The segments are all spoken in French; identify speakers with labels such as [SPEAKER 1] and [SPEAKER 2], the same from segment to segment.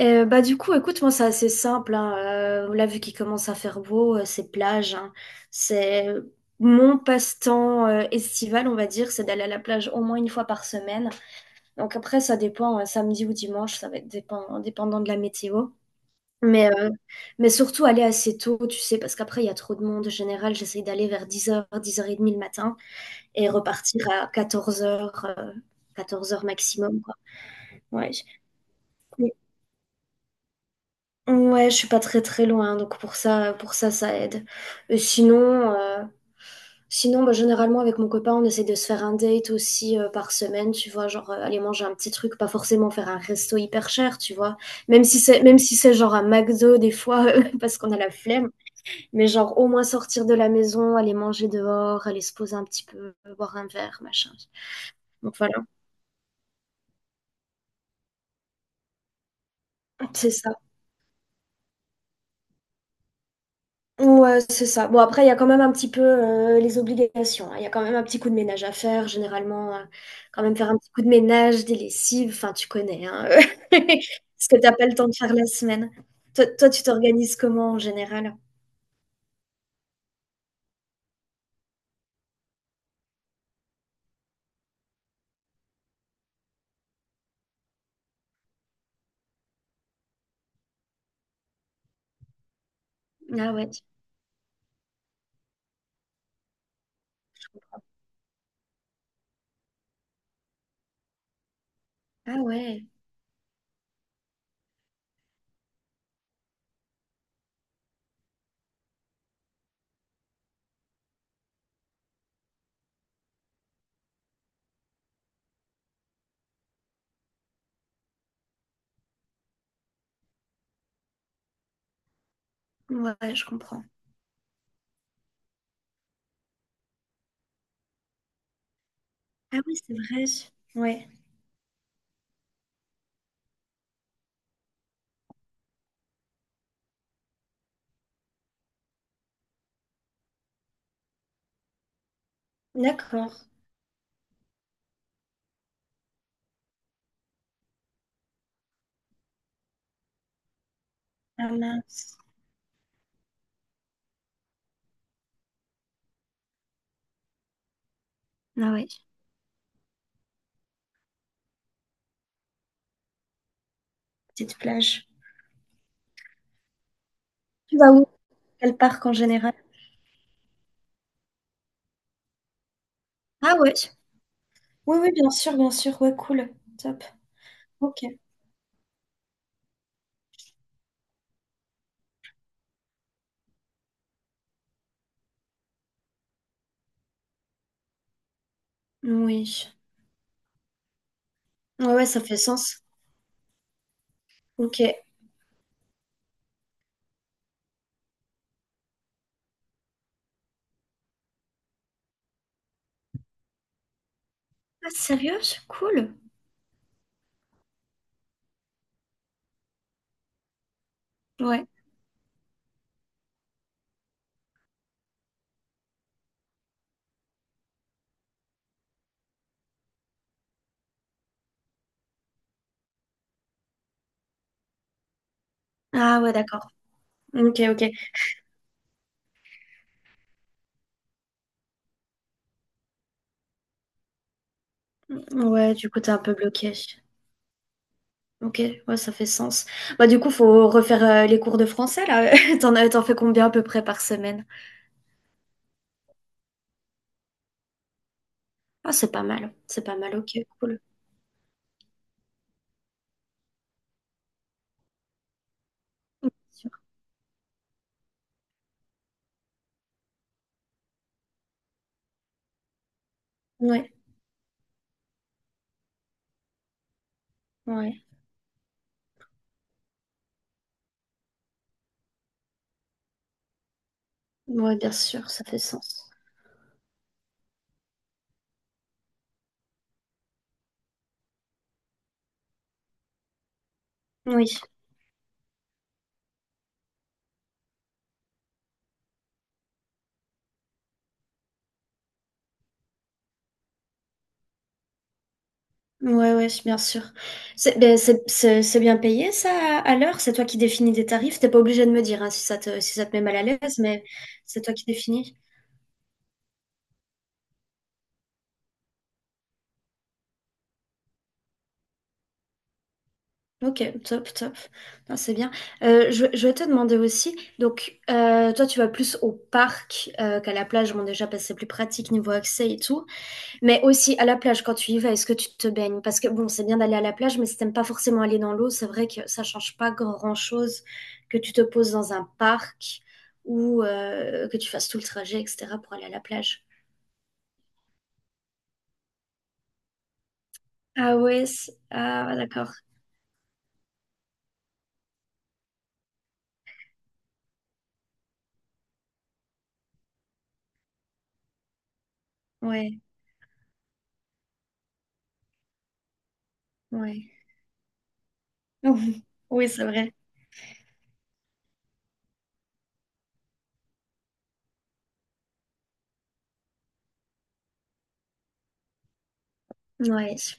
[SPEAKER 1] Bah du coup, écoute, moi c'est assez simple. Hein. Là, vu qu'il commence à faire beau, c'est plage, hein. C'est mon passe-temps estival, on va dire, c'est d'aller à la plage au moins une fois par semaine. Donc après, ça dépend, samedi ou dimanche, ça va être dépendant de la météo. Mais, euh, mais surtout aller assez tôt, tu sais, parce qu'après, il y a trop de monde. En général, j'essaye d'aller vers 10h, 10h30 le matin et repartir à 14h, quatorze heures maximum, quoi. Ouais. Ouais, je suis pas très très loin, hein, donc pour ça, ça aide. Et sinon, bah, généralement avec mon copain, on essaie de se faire un date aussi par semaine, tu vois, genre aller manger un petit truc, pas forcément faire un resto hyper cher, tu vois. Même si c'est genre un McDo des fois, parce qu'on a la flemme, mais genre au moins sortir de la maison, aller manger dehors, aller se poser un petit peu, boire un verre, machin. Donc voilà, c'est ça. Ouais, c'est ça. Bon, après, il y a quand même un petit peu les obligations, hein. Il y a quand même un petit coup de ménage à faire, généralement. Quand même faire un petit coup de ménage, des lessives, enfin, tu connais, hein, ce que t'as pas le temps de faire la semaine. Toi, tu t'organises comment en général? Ah ouais. Ah ouais. Ouais, je comprends. Ah oui, c'est vrai. Ouais. D'accord. Ah mince. Ah ouais. Petite plage. Tu vas où? Quel parc en général? Ah ouais. Oui, oui, bien sûr, bien sûr. Ouais, cool. Top. Ok. Oui. Ouais, ouais, ça fait sens. Ok. Ah, sérieux? C'est cool. Ouais. Ah ouais, d'accord. Ok, ok. Ouais, du coup, t'es un peu bloqué. Ok, ouais, ça fait sens. Bah, du coup, faut refaire les cours de français, là. T'en fais combien à peu près par semaine? Ah, c'est pas mal. C'est pas mal, ok, cool. Bien sûr. Ouais, ouais. Ouais, bien sûr, ça fait sens. Oui. Ouais, ouais, bien sûr. C'est ben, c'est bien payé, ça, à l'heure? C'est toi qui définis des tarifs. T'es pas obligé de me dire hein, si ça te met mal à l'aise, mais c'est toi qui définis. Ok, top, top. Non, c'est bien. Je vais te demander aussi, donc, toi, tu vas plus au parc qu'à la plage. Bon, déjà, parce que c'est plus pratique niveau accès et tout. Mais aussi à la plage, quand tu y vas, est-ce que tu te baignes? Parce que bon, c'est bien d'aller à la plage, mais si t'aimes pas forcément aller dans l'eau, c'est vrai que ça change pas grand-chose que tu te poses dans un parc ou que tu fasses tout le trajet, etc., pour aller à la plage. Ah ouais, ah d'accord. Ouais, ouais. Oui, c'est vrai. Ouais,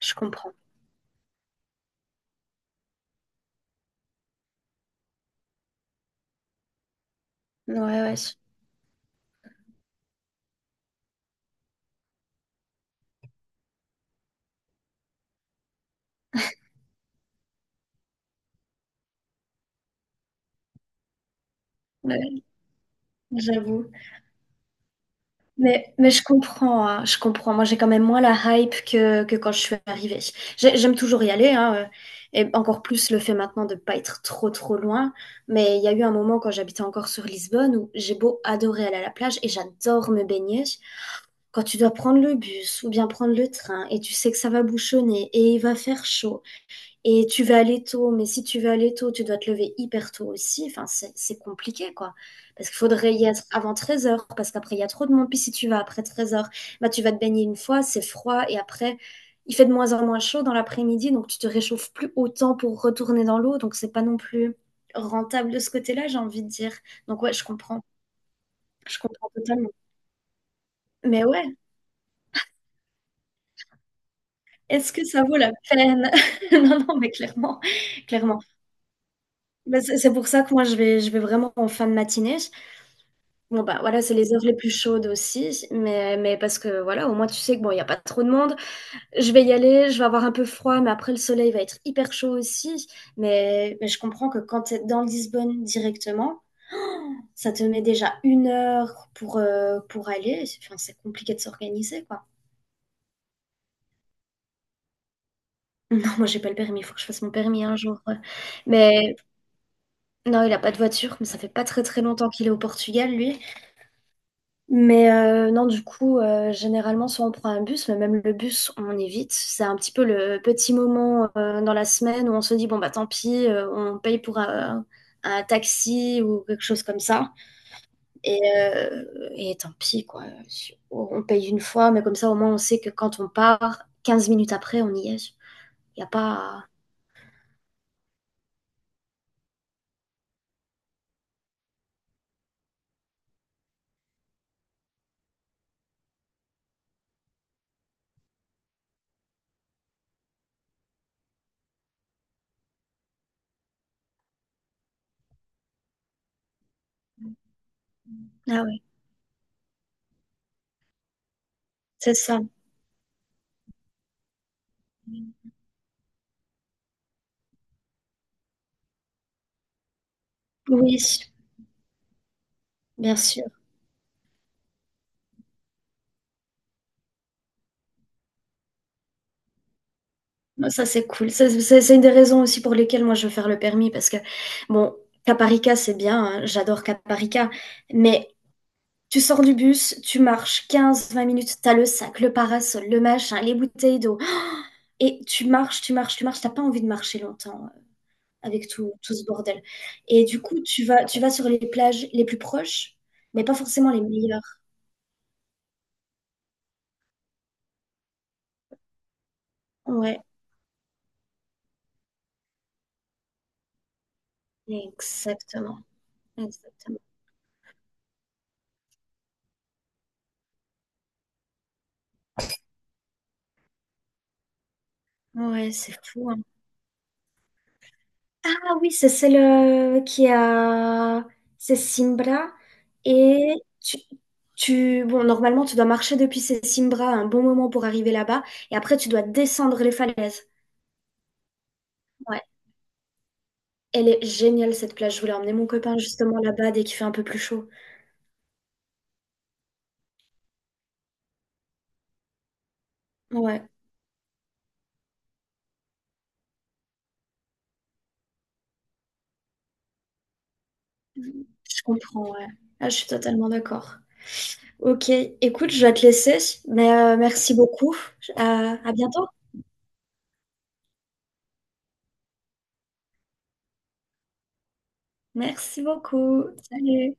[SPEAKER 1] je comprends. Ouais, ouais, ouais, j'avoue. Mais je comprends, hein, je comprends. Moi, j'ai quand même moins la hype que quand je suis arrivée. J'aime toujours y aller, hein, et encore plus le fait maintenant de pas être trop, trop loin. Mais il y a eu un moment quand j'habitais encore sur Lisbonne où j'ai beau adorer aller à la plage et j'adore me baigner. Quand tu dois prendre le bus ou bien prendre le train et tu sais que ça va bouchonner et il va faire chaud et tu vas aller tôt, mais si tu veux aller tôt, tu dois te lever hyper tôt aussi. Enfin, c'est compliqué, quoi. Parce qu'il faudrait y être avant 13h, parce qu'après, il y a trop de monde. Puis si tu vas après 13h, bah, tu vas te baigner une fois, c'est froid. Et après, il fait de moins en moins chaud dans l'après-midi, donc tu te réchauffes plus autant pour retourner dans l'eau. Donc, c'est pas non plus rentable de ce côté-là, j'ai envie de dire. Donc, ouais, je comprends. Je comprends totalement. Mais ouais, est-ce que ça vaut la peine? Non, non, mais clairement, clairement. Bah, c'est pour ça que moi, je vais vraiment en fin de matinée. Bon bah voilà, c'est les heures les plus chaudes aussi, mais parce que voilà, au moins tu sais que bon, il n'y a pas trop de monde, je vais y aller, je vais avoir un peu froid, mais après le soleil va être hyper chaud aussi. Mais je comprends que quand tu es dans Lisbonne directement, ça te met déjà une heure pour aller. Enfin, c'est compliqué de s'organiser, quoi. Non, moi j'ai pas le permis, il faut que je fasse mon permis un jour. Ouais. Mais non, il a pas de voiture, mais ça fait pas très très longtemps qu'il est au Portugal, lui. Mais non, du coup, généralement, soit on prend un bus, mais même le bus, on évite. C'est un petit peu le petit moment dans la semaine où on se dit, bon, bah tant pis, on paye pour un taxi ou quelque chose comme ça. Et, euh, et tant pis, quoi. On paye une fois, mais comme ça, au moins, on sait que quand on part, 15 minutes après, on y est. Il n'y a pas... Ah oui, c'est ça. Oui, bien sûr. Non, ça, c'est cool. Ça, c'est une des raisons aussi pour lesquelles moi je veux faire le permis parce que, bon, Caparica, c'est bien, hein, j'adore Caparica, mais tu sors du bus, tu marches 15-20 minutes, t'as le sac, le parasol, le machin, les bouteilles d'eau, et tu marches, tu marches, tu marches, t'as pas envie de marcher longtemps avec tout, tout ce bordel. Et du coup, tu vas sur les plages les plus proches, mais pas forcément les meilleures. Ouais, exactement. Exactement. Ouais, c'est fou, hein. Ah oui, c'est celle qui a... C'est Simbra. Et tu, tu... Bon, normalement, tu dois marcher depuis ces Simbra un bon moment pour arriver là-bas. Et après, tu dois descendre les falaises. Ouais. Elle est géniale, cette plage. Je voulais emmener mon copain justement là-bas dès qu'il fait un peu plus chaud. Ouais, je comprends, ouais. Ah, je suis totalement d'accord. Ok, écoute, je vais te laisser. Mais merci beaucoup. À bientôt. Merci beaucoup. Salut.